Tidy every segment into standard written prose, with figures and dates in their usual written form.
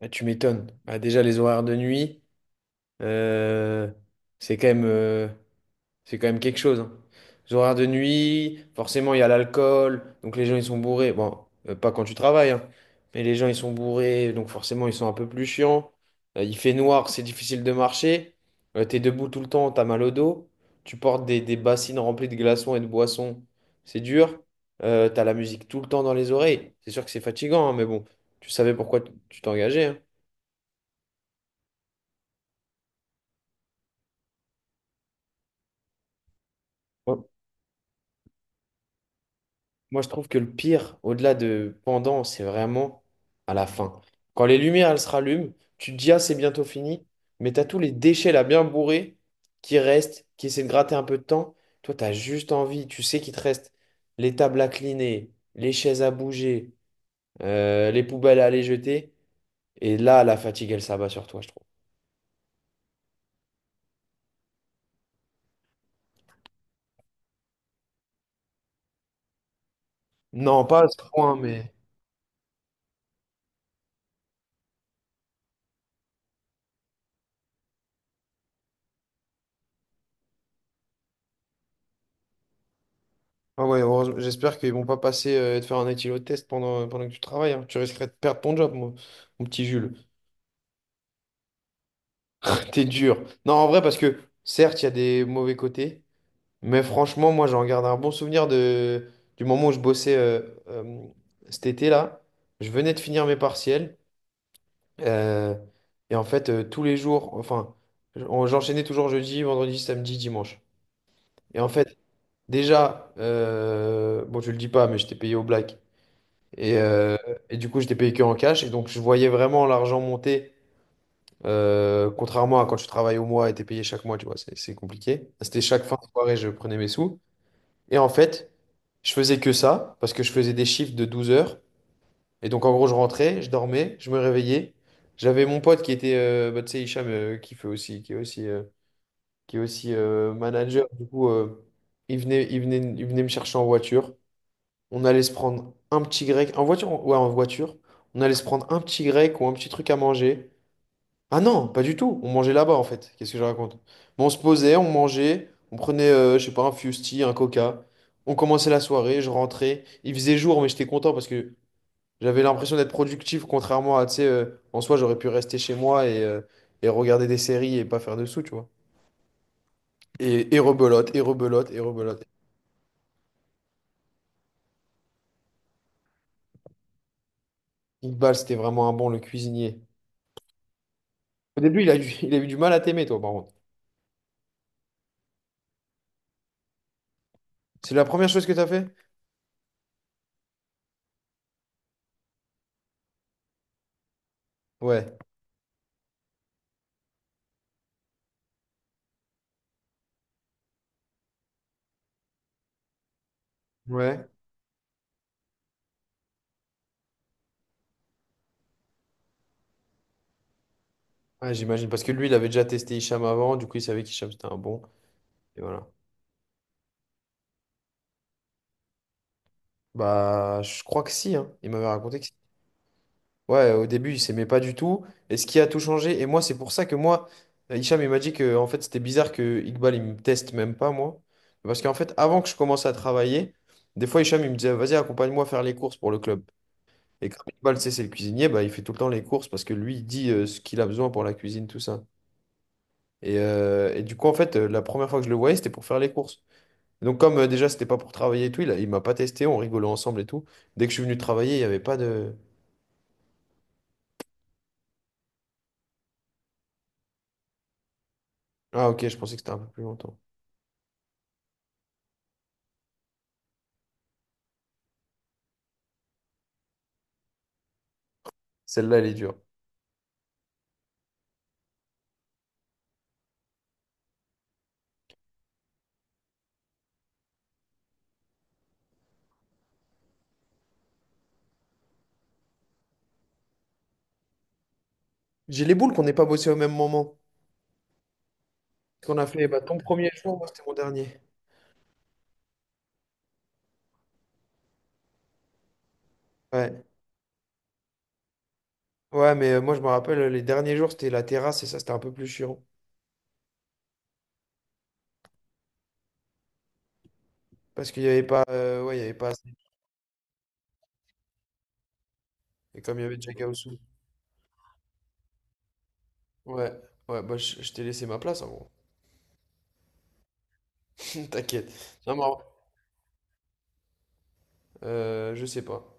Ah, tu m'étonnes. Ah, déjà, les horaires de nuit, euh, c'est quand même, euh, c'est quand même quelque chose, hein. Les horaires de nuit, forcément, il y a l'alcool, donc les gens, ils sont bourrés. Bon, pas quand tu travailles, hein, mais les gens, ils sont bourrés, donc forcément, ils sont un peu plus chiants. Il fait noir, c'est difficile de marcher. T'es debout tout le temps, t'as mal au dos. Tu portes des bassines remplies de glaçons et de boissons, c'est dur. T'as la musique tout le temps dans les oreilles. C'est sûr que c'est fatigant, hein, mais bon, tu savais pourquoi tu t'engageais, hein. Moi, je trouve que le pire, au-delà de pendant, c'est vraiment à la fin. Quand les lumières, elles se rallument, tu te dis, ah, c'est bientôt fini, mais t'as tous les déchets là bien bourrés qui restent, qui essaient de gratter un peu de temps. Toi, t'as juste envie, tu sais qu'il te reste les tables à cliner, les chaises à bouger, les poubelles à aller jeter. Et là, la fatigue, elle s'abat sur toi, je trouve. Non, pas à ce point, mais. Ah ouais, heureusement, j'espère qu'ils vont pas passer et te faire un éthylotest pendant que tu travailles, hein. Tu risquerais de perdre ton job, mon petit Jules. T'es dur. Non, en vrai, parce que certes, il y a des mauvais côtés, mais franchement, moi, j'en garde un bon souvenir du moment où je bossais euh, cet été-là. Je venais de finir mes partiels. euh, et en fait, tous les jours, enfin, j'enchaînais toujours jeudi, vendredi, samedi, dimanche. Et en fait, déjà, bon, je le dis pas, mais j'étais payé au black. Et, euh, et du coup, j'étais payé que en cash. Et donc, je voyais vraiment l'argent monter. Contrairement à quand tu travailles au mois et t'es payé chaque mois, tu vois, c'est compliqué. C'était chaque fin de soirée, je prenais mes sous. Et en fait, je faisais que ça parce que je faisais des shifts de 12 heures. Et donc, en gros, je rentrais, je dormais, je me réveillais. J'avais mon pote qui était, bah, tu sais, Hicham, qui est aussi, manager. Du coup, il venait me chercher en voiture. On allait se prendre un petit grec, en voiture, ouais, en voiture. On allait se prendre un petit grec ou un petit truc à manger. Ah non, pas du tout. On mangeait là-bas en fait. Qu'est-ce que je raconte? Mais on se posait, on mangeait, on prenait, je sais pas, un fusti, un coca. On commençait la soirée, je rentrais. Il faisait jour, mais j'étais content parce que j'avais l'impression d'être productif, contrairement à, tu sais, en soi, j'aurais pu rester chez moi et regarder des séries et pas faire de sous, tu vois. Et rebelote, et rebelote, et rebelote. Iqbal, c'était vraiment un bon, le cuisinier. Au début, il a eu, il a eu du mal à t'aimer, toi, par contre. C'est la première chose que t'as fait? Ouais. Ouais. Ouais, j'imagine. Parce que lui, il avait déjà testé Hicham avant, du coup, il savait qu'Hicham, c'était un bon. Et voilà. Bah, je crois que si, hein. Il m'avait raconté que si. Ouais, au début, il s'aimait pas du tout. Et ce qui a tout changé, et moi, c'est pour ça que moi, Hicham, il m'a dit que en fait, c'était bizarre que Iqbal, il me teste même pas, moi. Parce qu'en fait, avant que je commence à travailler, des fois, Hicham, il me disait, vas-y, accompagne-moi faire les courses pour le club. Et comme Iqbal, tu c'est le cuisinier, bah, il fait tout le temps les courses parce que lui, il dit ce qu'il a besoin pour la cuisine, tout ça. Et du coup, en fait, la première fois que je le voyais, c'était pour faire les courses. Donc comme déjà c'était pas pour travailler et tout, il m'a pas testé, on rigolait ensemble et tout. Dès que je suis venu travailler, il y avait pas de... Ah ok, je pensais que c'était un peu plus longtemps. Celle-là, elle est dure. J'ai les boules qu'on n'ait pas bossé au même moment. Parce qu'on a fait bah, ton premier jour, moi c'était mon dernier. Ouais. Ouais, mais moi je me rappelle, les derniers jours c'était la terrasse et ça c'était un peu plus chiant. Parce qu'il y avait pas, ouais, il y avait pas assez. Et comme il y avait Jack Aousou. Ouais, ouais, bah je t'ai laissé ma place, en gros. T'inquiète. Non, mais je sais pas.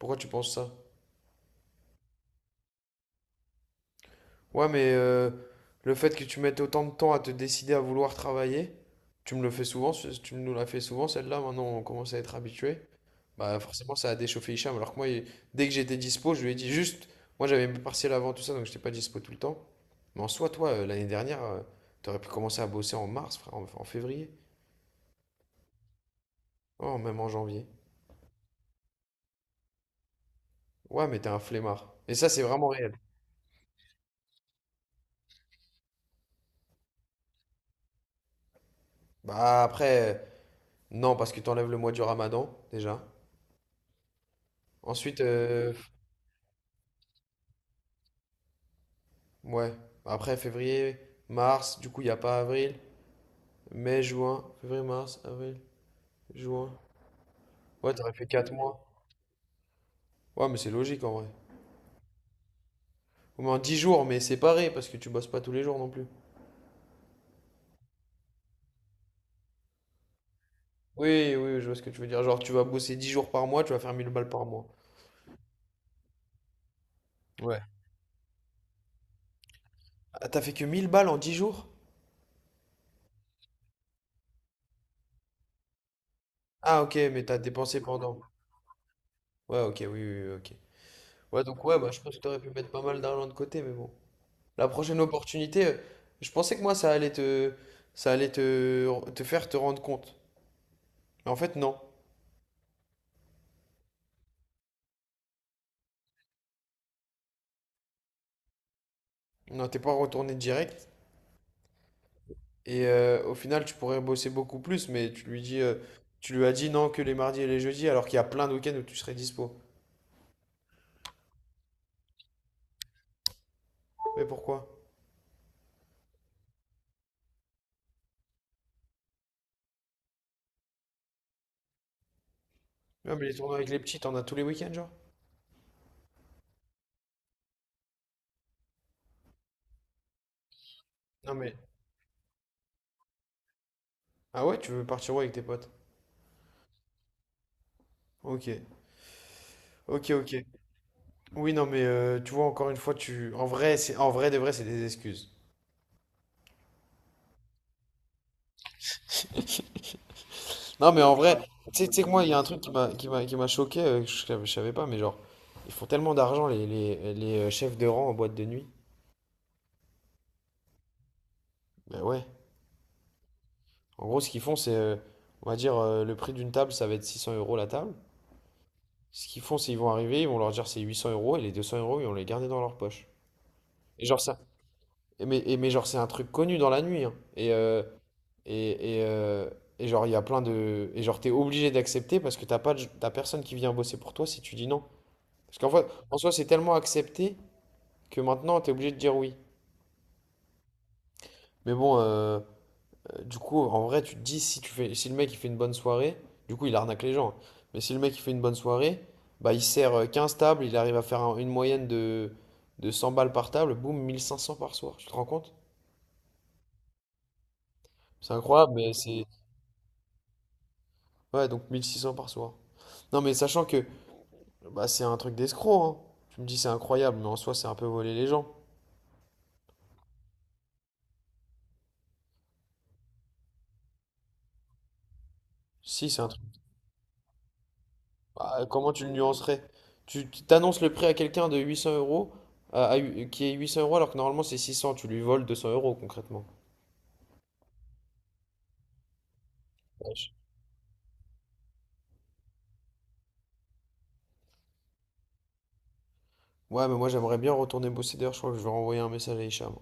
Pourquoi tu penses ça? Ouais, mais le fait que tu mettes autant de temps à te décider à vouloir travailler, tu me le fais souvent, tu nous l'as fait souvent celle-là, maintenant on commence à être habitué. Bah forcément ça a déchauffé Hicham, alors que moi, dès que j'étais dispo, je lui ai dit juste, moi j'avais mes partiels avant tout ça, donc j'étais pas dispo tout le temps. Mais en soi, toi, l'année dernière, t'aurais pu commencer à bosser en mars, frère, en février, oh, même en janvier. Ouais, mais t'es un flemmard. Et ça, c'est vraiment réel. Bah après, non, parce que t'enlèves le mois du Ramadan, déjà. Ensuite, ouais. Après, février, mars, du coup, il n'y a pas avril. Mai, juin, février, mars, avril, juin. Ouais, t'aurais fait 4 mois. Ouais, mais c'est logique en vrai. Au moins 10 jours, mais séparés, parce que tu bosses pas tous les jours non plus. Oui, oui, oui, je vois ce que tu veux dire. Genre, tu vas bosser 10 jours par mois, tu vas faire 1000 balles par mois. Ouais. Ah, t'as fait que 1000 balles en 10 jours? Ah, ok, mais t'as dépensé pendant. Ouais, ok, oui, oui, oui, ok. Ouais, donc ouais, bah, je pense que t'aurais pu mettre pas mal d'argent de côté, mais bon. La prochaine opportunité, je pensais que moi ça allait te, te faire te rendre compte. Mais en fait, non. Non, t'es pas retourné direct. Et au final, tu pourrais bosser beaucoup plus, mais tu lui as dit non que les mardis et les jeudis, alors qu'il y a plein de week-ends où tu serais dispo. Mais pourquoi? Non, mais les tournois avec les petits, t'en as tous les week-ends, genre? Non, mais. Ah ouais, tu veux partir où avec tes potes? Ok. Ok, ok. Oui, non, mais tu vois, encore une fois, tu. En vrai, c'est en vrai de vrai, c'est des excuses. Non, mais en vrai, tu sais que moi, il y a un truc qui m'a choqué, que je savais pas, mais genre, ils font tellement d'argent, les chefs de rang en boîte de nuit. Ben ouais. En gros, ce qu'ils font, c'est, on va dire, le prix d'une table, ça va être 600 euros la table. Ce qu'ils font, c'est ils vont arriver, ils vont leur dire c'est 800 euros, et les 200 euros, ils vont les garder dans leur poche. Et genre, ça, et mais genre, c'est un truc connu dans la nuit, hein. Et, et, euh, et genre, il y a plein de. Et genre, t'es obligé d'accepter parce que t'as pas de- t'as personne qui vient bosser pour toi si tu dis non. Parce qu'en fait, en soi, c'est tellement accepté, que maintenant t'es obligé de dire oui. Mais bon, du coup, en vrai, tu te dis si tu fais, si le mec il fait une bonne soirée, du coup il arnaque les gens. Mais si le mec il fait une bonne soirée, bah il sert 15 tables, il arrive à faire une moyenne de 100 balles par table, boum, 1500 par soir. Tu te rends compte? C'est incroyable, mais c'est. Ouais, donc 1600 par soir. Non, mais sachant que bah, c'est un truc d'escroc, hein. Tu me dis c'est incroyable, mais en soi c'est un peu voler les gens. Si, c'est un Bah, comment tu le nuancerais? Tu t'annonces le prix à quelqu'un de 800 euros, qui est 800 euros alors que normalement c'est 600, tu lui voles 200 euros concrètement. Wesh. Ouais, mais moi j'aimerais bien retourner bosser d'ailleurs, je crois que je vais renvoyer un message à Hicham.